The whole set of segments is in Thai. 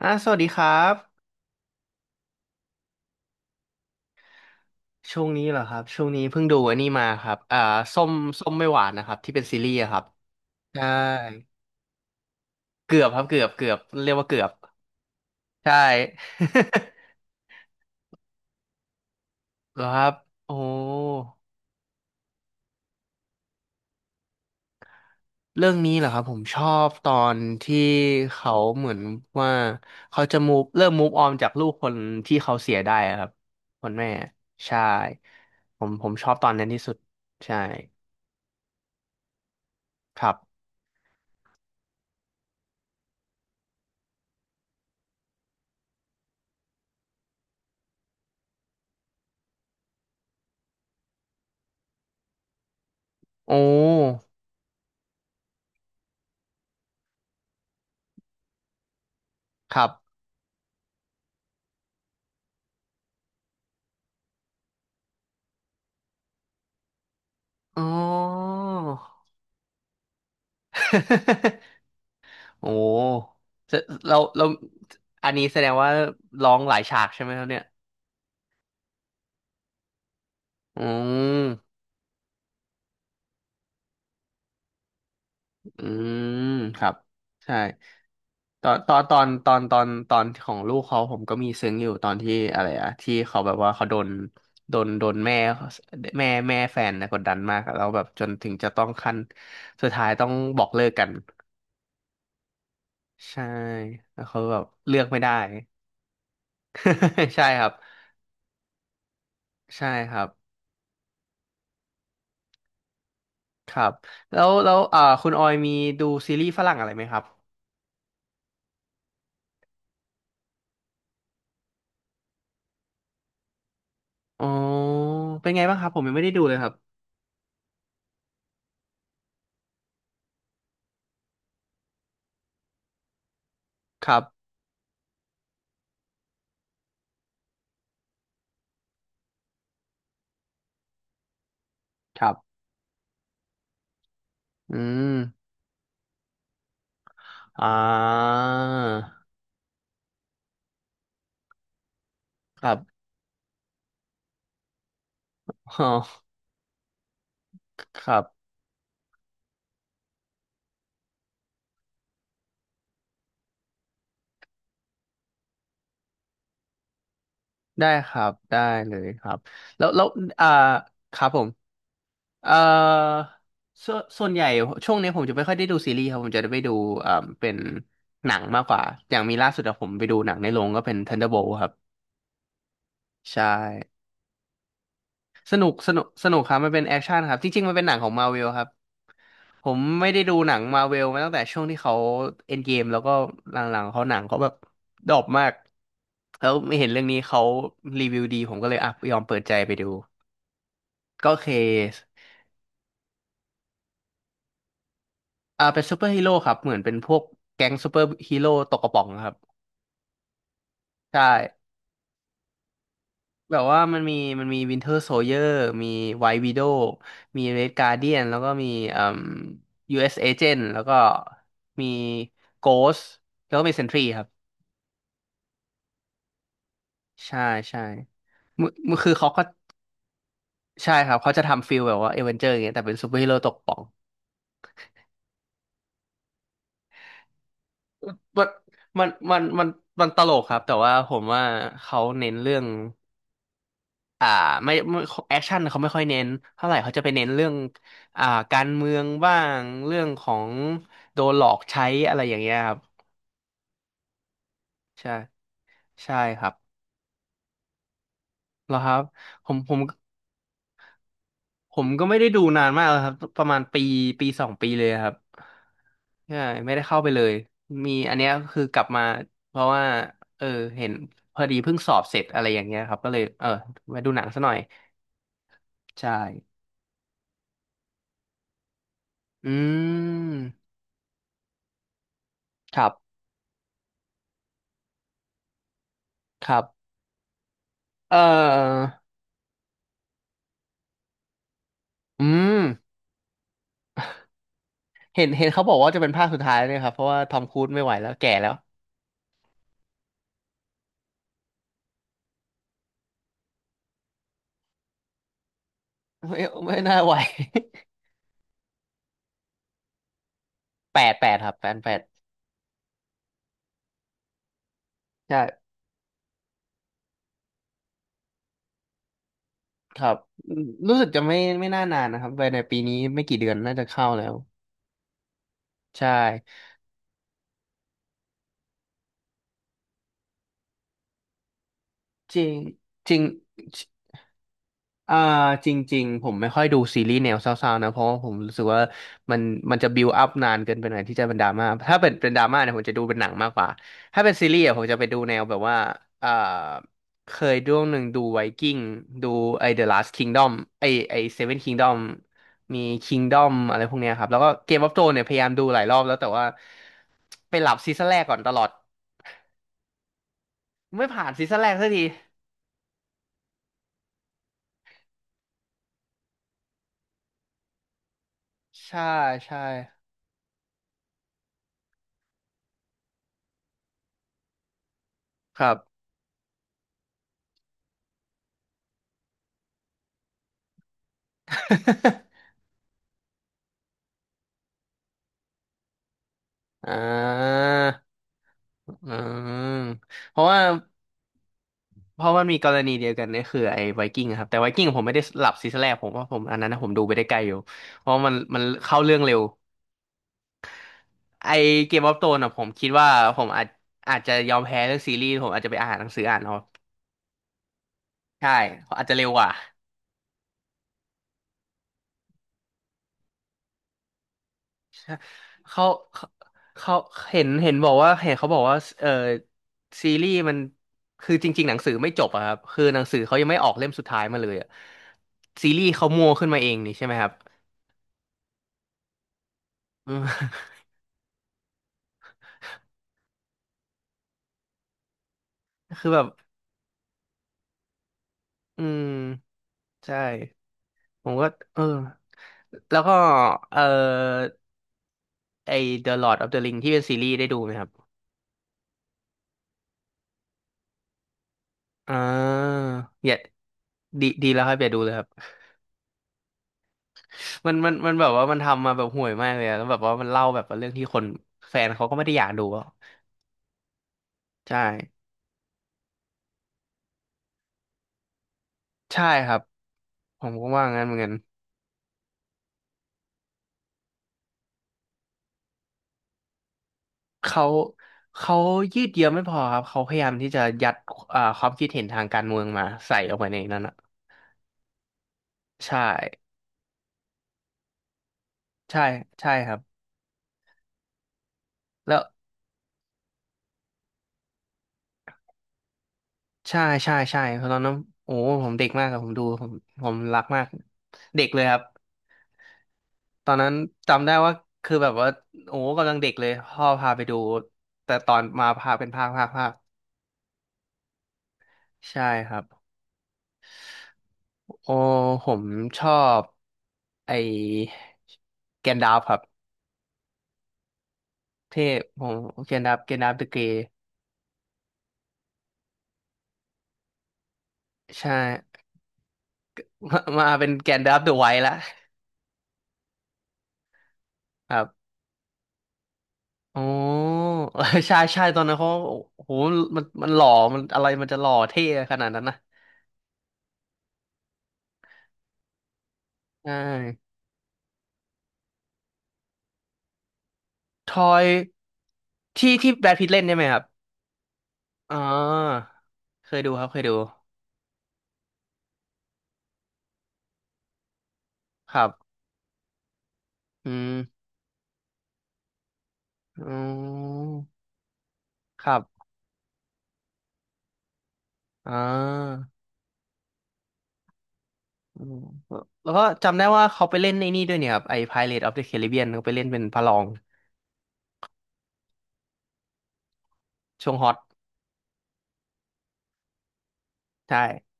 สวัสดีครับช่วงนี้เหรอครับช่วงนี้เพิ่งดูอันนี้มาครับส้มส้มไม่หวานนะครับที่เป็นซีรีส์อะครับใช่เกือบครับเกือบเรียกว่าเกือบใช่ เหรอครับโอ้เรื่องนี้เหรอครับผมชอบตอนที่เขาเหมือนว่าเขาจะมูฟเริ่มมูฟออนจากลูกคนที่เขาเสียได้อะครับคนแม่ใช่ผมชอบตอนนั้นที่สุดใช่ครับโอ้ครับอ๋อ โอ้จะเราอันนี้แสดงว่าร้องหลายฉากใช่ไหมครับเนี่ยอืมอืมครับใช่ตอนตอนตอนตอนตอนตอนของลูกเขาผมก็มีซึ้งอยู่ตอนที่อะไรอะที่เขาแบบว่าเขาโดนโดนแม่แม่แฟนนะกดดันมากอะแล้วแบบจนถึงจะต้องขั้นสุดท้ายต้องบอกเลิกกัน ใช่แล้วเขาแบบเลือกไม่ได้ ใช่ครับใช่ครับ ครับแล้วคุณออยมีดูซีรีส์ฝรั่งอะไรไหมครับอ๋อเป็นไงบ้างครับผมยังไม่ได้ดูเลยครับครับครับอืมอ่าครับอ๋อครับได้ครับได้เลยครับแล้วอ่าครับผมเอ่อส่วนใหญ่ช่วงนี้ผมจะไม่ค่อยได้ดูซีรีส์ครับผมจะได้ไปดูเอ่าเป็นหนังมากกว่าอย่างมีล่าสุดอะผมไปดูหนังในโรงก็เป็น Thunderbolt ครับใช่ สนุกสนุกครับมันเป็นแอคชั่นครับจริงๆมันเป็นหนังของมา r v เวลครับผมไม่ได้ดูหนังมา r v เวลมาตั้งแต่ช่วงที่เขาเอ็นเกมแล้วก็หลังๆเขาหนังเขาแบบดรอปมากแล้วไม่เห็นเรื่องนี้เขารีวิวดีผมก็เลยอ่ะยอมเปิดใจไปดูก็เคสอ่าเป็นซูเปอร์ฮีโร่ครับเหมือนเป็นพวกแก๊งซูเปอร์ฮีโร่ตกกระป๋องครับใช่ แบบว่ามันมีมันมีวินเทอร์โซเยอร์มีไว i t วิโดวมีเรดการ์เดียนแล้วก็มีเอ่ม US Agent แล้วก็มีโกสแล้วก็มีเซนทรีครับใช่ใช่คือเขาก็ใช่ครับเขาจะทำฟิลแบบว่าเอเวนเจอร์อย่างเงี้ยแต่เป็นซูเปอร์ฮีโร่ตกป่องมันมันมันตลกครับแต่ว่าผมว่าเขาเน้นเรื่อง อ่าไม่ไม่แอคชั่นเขาไม่ค่อยเน้นเท่าไหร่เขาจะไปเน้นเรื่องอ่าการเมืองบ้างเรื่องของโดนหลอกใช้อะไรอย่างเงี้ยครับใช่ใช่ครับแล้วครับผมผมก็ไม่ได้ดูนานมากแล้วครับประมาณปีปีสองปีเลยครับใช่ไม่ได้เข้าไปเลยมีอันเนี้ยคือกลับมาเพราะว่าเออเห็นพอดีเพิ่งสอบเสร็จอะไรอย่างเงี้ยครับก็เลยเออมาดูหนังซะหน่อยใช่อืมครับครับเออ อืมเห็นเขาบอกว่าจะเป็นภาคสุดท้ายเนี่ยครับเพราะว่าทอมครูซไม่ไหวแล้วแก่แล้วไม่ไม่น่าไหว แปดครับแปดแปดใช่ครับอืมรู้สึกจะไม่น่านานนะครับไปในปีนี้ไม่กี่เดือนน่าจะเข้าแล้วใช่จริงจริง อ่าจริงๆผมไม่ค่อยดูซีรีส์แนวเศร้าๆนะเพราะว่าผมรู้สึกว่ามันมันจะบิวอัพนานเกินไปหน่อยที่จะเป็นดราม่าถ้าเป็นดราม่าเนี่ยผมจะดูเป็นหนังมากกว่าถ้าเป็นซีรีส์อะผมจะไปดูแนวแบบว่าอ่าเคยดูหนึ่งดูไวกิ้งดูไอ The Last Kingdom ไอ้ไอ Seven Kingdom มี Kingdom อะไรพวกเนี้ยครับแล้วก็ Game of Thrones เนี่ยพยายามดูหลายรอบแล้วแต่ว่าไปหลับซีซั่นแรกก่อนตลอดไม่ผ่านซีซั่นแรกสักทีใช่ใช่ครับ อ่าอืมเพราะว่าเพราะมันมีกรณีเดียวกันเนี่ยคือไอ้ไวกิ้งครับแต่ไวกิ้งผมไม่ได้หลับซีซั่นแรกผมว่าผมอันนั้นนะผมดูไปได้ไกลอยู่เพราะมันเข้าเรื่องเร็วไอเกมออฟโธนอ่ะผมคิดว่าผมอาจจะยอมแพ้เรื่องซีรีส์ผมอาจจะไปอ่านหนังสืออ่านเอาใช่อาจจะเร็วกว่า เขาเขาเขาเห็นบอกว่าเห็นเขาบอกว่าเออซีรีส์มันคือจริงๆหนังสือไม่จบอะครับ คือหนังสือเขายังไม่ออกเล่มสุดท้ายมาเลยอะซีรีส์เขามัวขึ้นมาเองนี่ใช่ไหมครับ อืม คือแบบ อืมใช่ ผมก็ เออ แล้วก็เออไอ The Lord of the Ring ที่เป็นซีรีส์ได้ดูไหมครับอ่าอย่าดี ดีแล้วครับอย่าดูเลยครับ มันแบบว่ามันทำมาแบบห่วยมากเลยอะแล้วแบบว่ามันเล่าแบบว่าเรื่องที่คนแฟนเขาก็ไม่ได้อยากดูอะ ใช่ใช่ครับผมก็ว่างั้นเหมือนกันเขาเขายืดเยื้อไม่พอครับเขาพยายามที่จะยัดความคิดเห็นทางการเมืองมาใส่ออกไปในนั้นอ่ะใช่ใช่ใช่ครับแล้วใช่ใช่ ใช่เพราะตอนนั้นโอ้ผมเด็กมากครับผมดู ผมรักมาก เด็กเลยครับ ตอนนั้นจำได้ว่าคือแบบว่าโอ้กำลังเด็กเลยพ่อพาไปดูแต่ตอนมาพาเป็นภาคใช่ครับ โอ้ผมชอบไอแกนดาฟครับเท่ผมแกนดาฟเดอะเกย์ใช่ มาเป็นแกนดาฟเดอะไวท์ละครับโอ้ เออใช่ใช่ตอนนั้นเขาโอ้โหมันหล่อมันอะไรมันจะหล่อเท่ขนาดนั้นนะใช่ทอยที่แบทพิทเล่นใช่ไหมครับอ๋อเคยดูครับเคยดูครับอืมอ๋อครับอ่า อืมแล้วก็จำได้ว่าเขาไปเล่นไอ้นี่ด้วยเนี่ยครับไอ้ p i r a t e of the Caribbean เขาไปเล่นเป็นพระรองช่วงฮอตใช่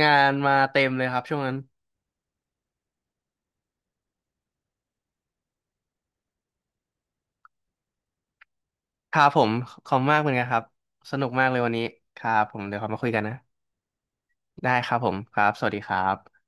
งานมาเต็มเลยครับช่วงนั้นครับผมขอบคุณมากเหมือนกันครับสนุกมากเลยวันนี้ครับผมเดี๋ยวเรามาคุยกันนะได้ครับผมครับสวัสดีครับ